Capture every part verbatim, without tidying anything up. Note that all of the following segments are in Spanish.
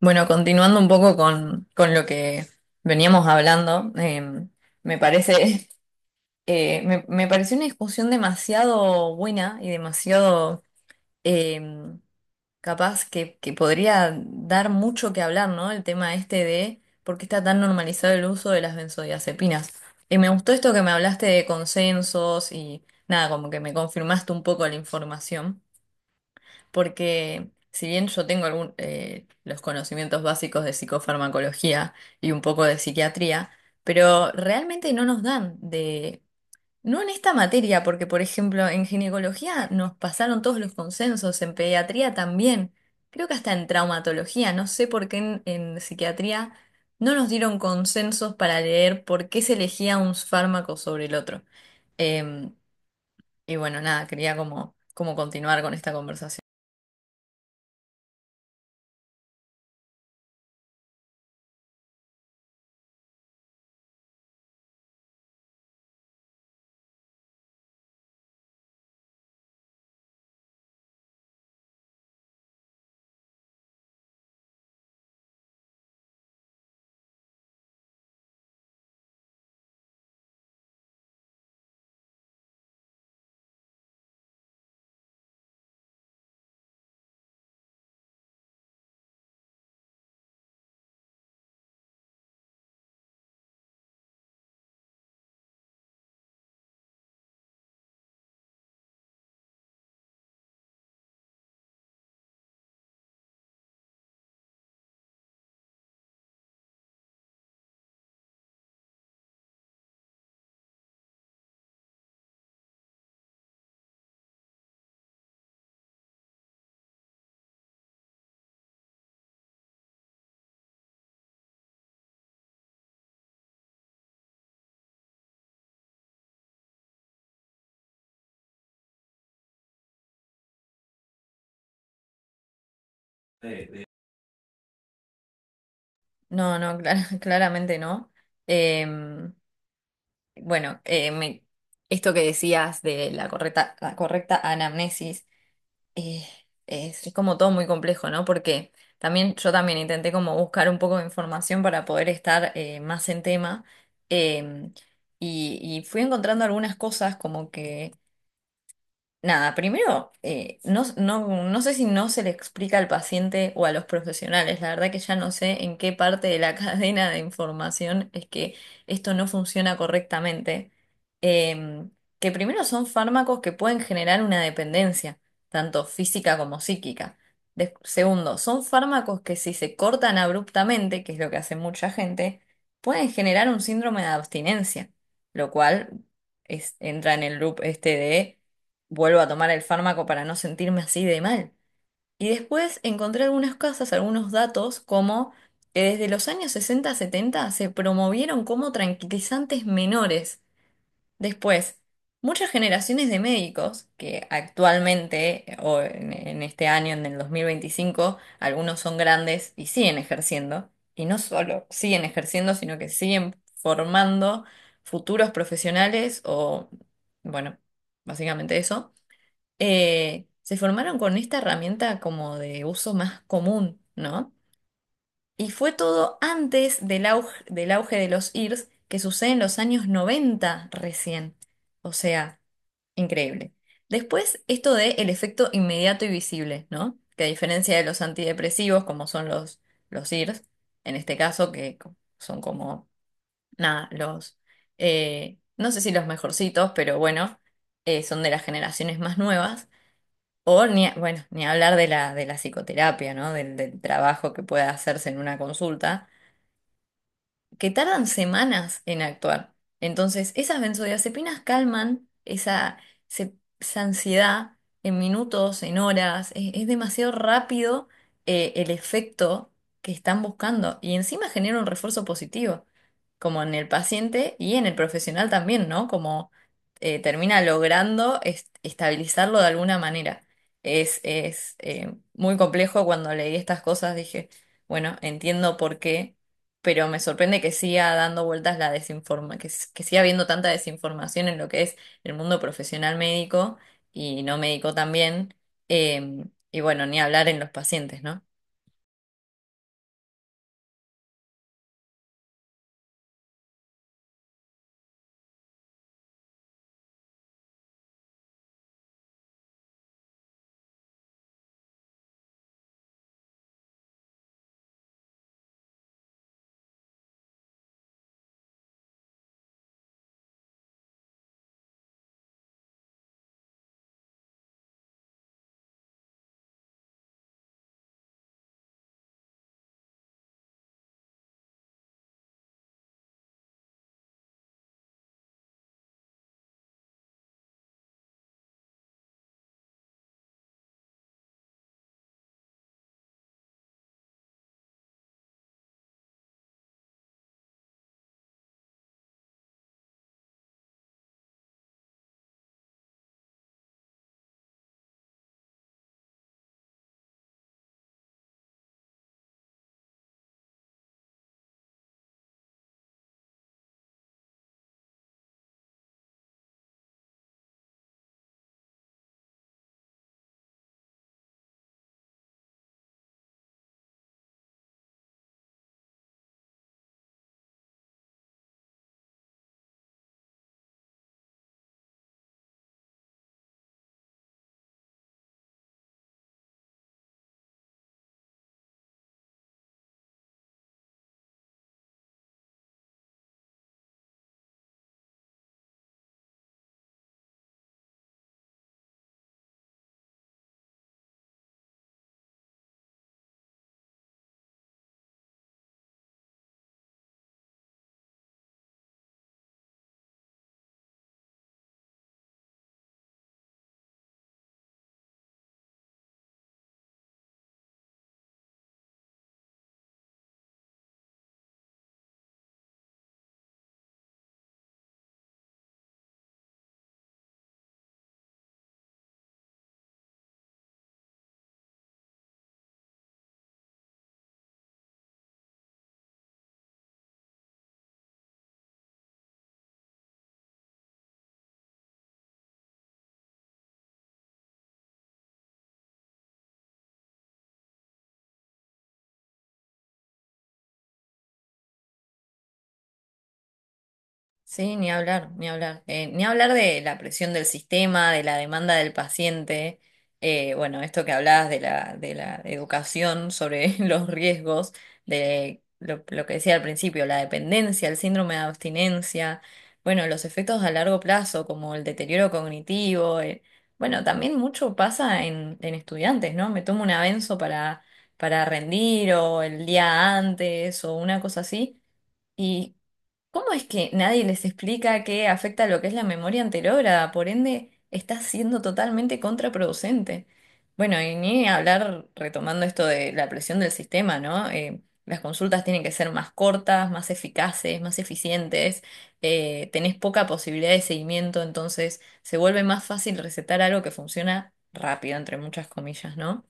Bueno, continuando un poco con, con lo que veníamos hablando, eh, me parece, eh, me, me pareció una discusión demasiado buena y demasiado eh, capaz que, que podría dar mucho que hablar, ¿no? El tema este de por qué está tan normalizado el uso de las benzodiazepinas. Y me gustó esto que me hablaste de consensos y nada, como que me confirmaste un poco la información. Porque si bien yo tengo algún, eh, los conocimientos básicos de psicofarmacología y un poco de psiquiatría, pero realmente no nos dan de... No en esta materia, porque por ejemplo en ginecología nos pasaron todos los consensos, en pediatría también, creo que hasta en traumatología, no sé por qué en, en psiquiatría no nos dieron consensos para leer por qué se elegía un fármaco sobre el otro. Em, y bueno, nada, quería como, como continuar con esta conversación. No, no, clara- claramente no. Em, bueno, eh, me- Esto que decías de la correcta, la correcta anamnesis eh, es, es como todo muy complejo, ¿no? Porque también yo también intenté como buscar un poco de información para poder estar eh, más en tema, em, y, y fui encontrando algunas cosas como que nada, primero, eh, no, no, no sé si no se le explica al paciente o a los profesionales, la verdad que ya no sé en qué parte de la cadena de información es que esto no funciona correctamente. Em, que primero son fármacos que pueden generar una dependencia, tanto física como psíquica. Des- segundo, son fármacos que si se cortan abruptamente, que es lo que hace mucha gente, pueden generar un síndrome de abstinencia, lo cual es- entra en el loop este de vuelvo a tomar el fármaco para no sentirme así de mal. Y después encontré algunas casas, algunos datos, como que desde los años sesenta setenta se promovieron como tranquilizantes menores. Después, muchas generaciones de médicos, que actualmente, o en, en este año, en el dos mil veinticinco algunos son grandes y siguen ejerciendo, y no solo siguen ejerciendo, sino que siguen formando futuros profesionales o, bueno, básicamente eso eh, se formaron con esta herramienta como de uso más común, ¿no? Y fue todo antes del auge, del auge de los I R S, que sucede en los años noventa recién. O sea, increíble. Después, esto de el efecto inmediato y visible, ¿no? Que a diferencia de los antidepresivos, como son los, los I R S, en este caso, que co- son como, nada, los, eh, no sé si los mejorcitos, pero bueno, eh, son de las generaciones más nuevas o ni, bueno, ni hablar de la, de la psicoterapia, ¿no? Del, del trabajo que pueda hacerse en una consulta que tardan semanas en actuar. Entonces, esas benzodiazepinas calman esa, se- esa ansiedad en minutos, en horas. Es, es demasiado rápido eh, el efecto que están buscando y encima genera un refuerzo positivo, como en el paciente y en el profesional también, ¿no? Como eh, termina logrando est- estabilizarlo de alguna manera. Es, es eh, muy complejo. Cuando leí estas cosas, dije, bueno, entiendo por qué, pero me sorprende que siga dando vueltas la desinforma, que, s- que siga habiendo tanta desinformación en lo que es el mundo profesional médico y no médico también, eh, y bueno, ni hablar en los pacientes, ¿no? Sí, ni hablar, ni hablar. Eh, ni hablar de la presión del sistema, de la demanda del paciente. Eh, bueno, esto que hablabas de la, de la educación sobre los riesgos, de lo, lo que decía al principio, la dependencia, el síndrome de abstinencia, bueno, los efectos a largo plazo, como el deterioro cognitivo. eh, Bueno, también mucho pasa en, en estudiantes, ¿no? Me tomo un avenzo para, para rendir, o el día antes o una cosa así. ¿Y cómo es que nadie les explica que afecta lo que es la memoria anterógrada? Por ende, está siendo totalmente contraproducente. Bueno, y ni hablar retomando esto de la presión del sistema, ¿no? Eh, las consultas tienen que ser más cortas, más eficaces, más eficientes. Eh, tenés poca posibilidad de seguimiento, entonces se vuelve más fácil recetar algo que funciona rápido, entre muchas comillas, ¿no?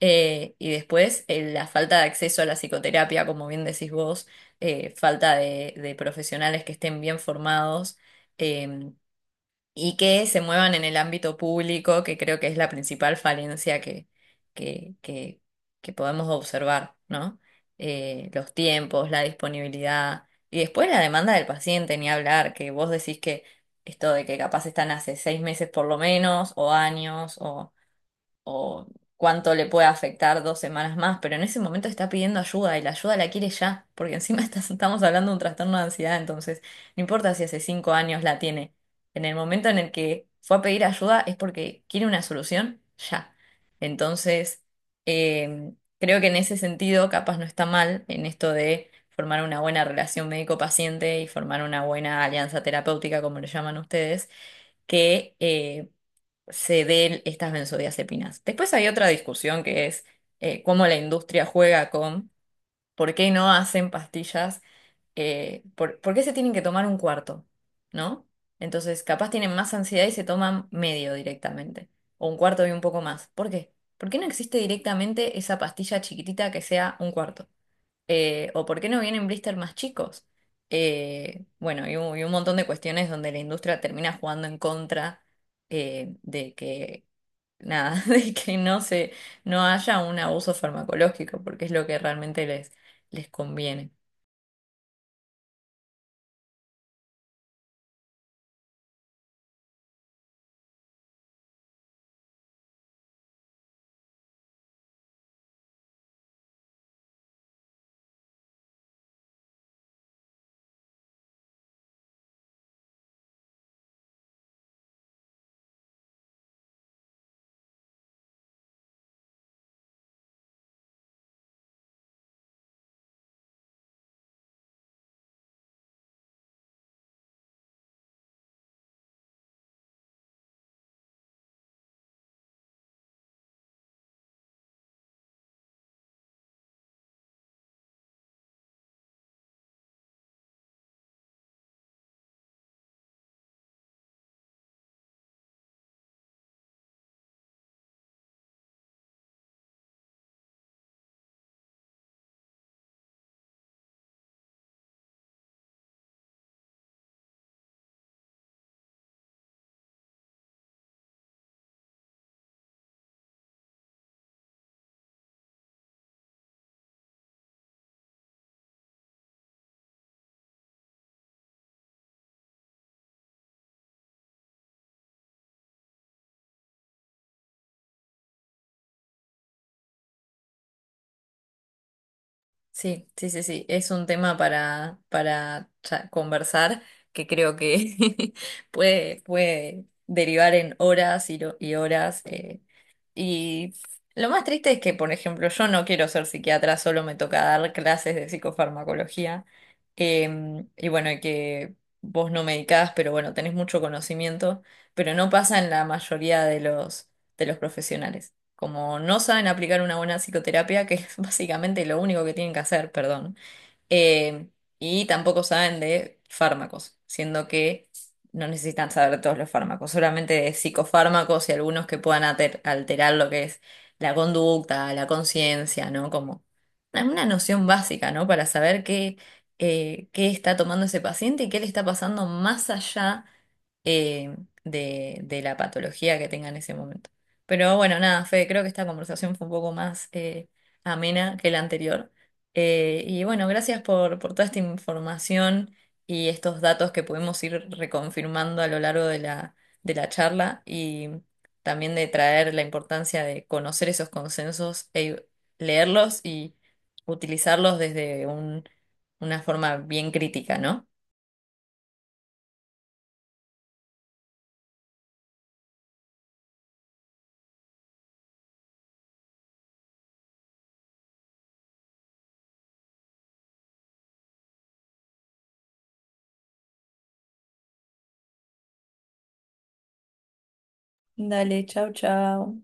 Eh, y después eh, la falta de acceso a la psicoterapia, como bien decís vos, eh, falta de, de profesionales que estén bien formados, eh, y que se muevan en el ámbito público, que creo que es la principal falencia que, que, que, que podemos observar, ¿no? Eh, los tiempos, la disponibilidad, y después la demanda del paciente, ni hablar, que vos decís que esto de que capaz están hace seis meses por lo menos, o años, o o cuánto le puede afectar dos semanas más, pero en ese momento está pidiendo ayuda y la ayuda la quiere ya, porque encima estás- estamos hablando de un trastorno de ansiedad, entonces no importa si hace cinco años la tiene, en el momento en el que fue a pedir ayuda es porque quiere una solución ya. Entonces, eh, creo que en ese sentido capaz no está mal, en esto de formar una buena relación médico-paciente y formar una buena alianza terapéutica, como le llaman ustedes, que eh, se den estas benzodiazepinas. Después hay otra discusión que es eh, cómo la industria juega con por qué no hacen pastillas, eh, por, por qué se tienen que tomar un cuarto, ¿no? Entonces, capaz tienen más ansiedad y se toman medio directamente, o un cuarto y un poco más. ¿Por qué? ¿Por qué no existe directamente esa pastilla chiquitita que sea un cuarto? Eh, ¿o por qué no vienen blister más chicos? Eh, bueno, y un, y un montón de cuestiones donde la industria termina jugando en contra eh, de que nada, de que no se, no haya un abuso farmacológico, porque es lo que realmente les, les conviene. Sí, sí, sí, sí, es un tema para, para cha- conversar, que creo que puede, puede derivar en horas y, lo- y horas. eh, Y lo más triste es que, por ejemplo, yo no quiero ser psiquiatra, solo me toca dar clases de psicofarmacología. Eh, y bueno, y que vos no medicás, pero bueno, tenés mucho conocimiento, pero no pasa en la mayoría de los, de los profesionales. Como no saben aplicar una buena psicoterapia, que es básicamente lo único que tienen que hacer, perdón. eh, y tampoco saben de fármacos, siendo que no necesitan saber todos los fármacos, solamente de psicofármacos y algunos que puedan alter- alterar lo que es la conducta, la conciencia, ¿no? Como una, una noción básica, ¿no? Para saber qué, eh, qué está tomando ese paciente y qué le está pasando más allá eh, de, de la patología que tenga en ese momento. Pero bueno, nada, Fede, creo que esta conversación fue un poco más eh, amena que la anterior. Eh, y bueno, gracias por, por toda esta información y estos datos que pudimos ir reconfirmando a lo largo de la, de la charla, y también de traer la importancia de conocer esos consensos, e leerlos y utilizarlos desde un- una forma bien crítica, ¿no? Dale, chau, chau.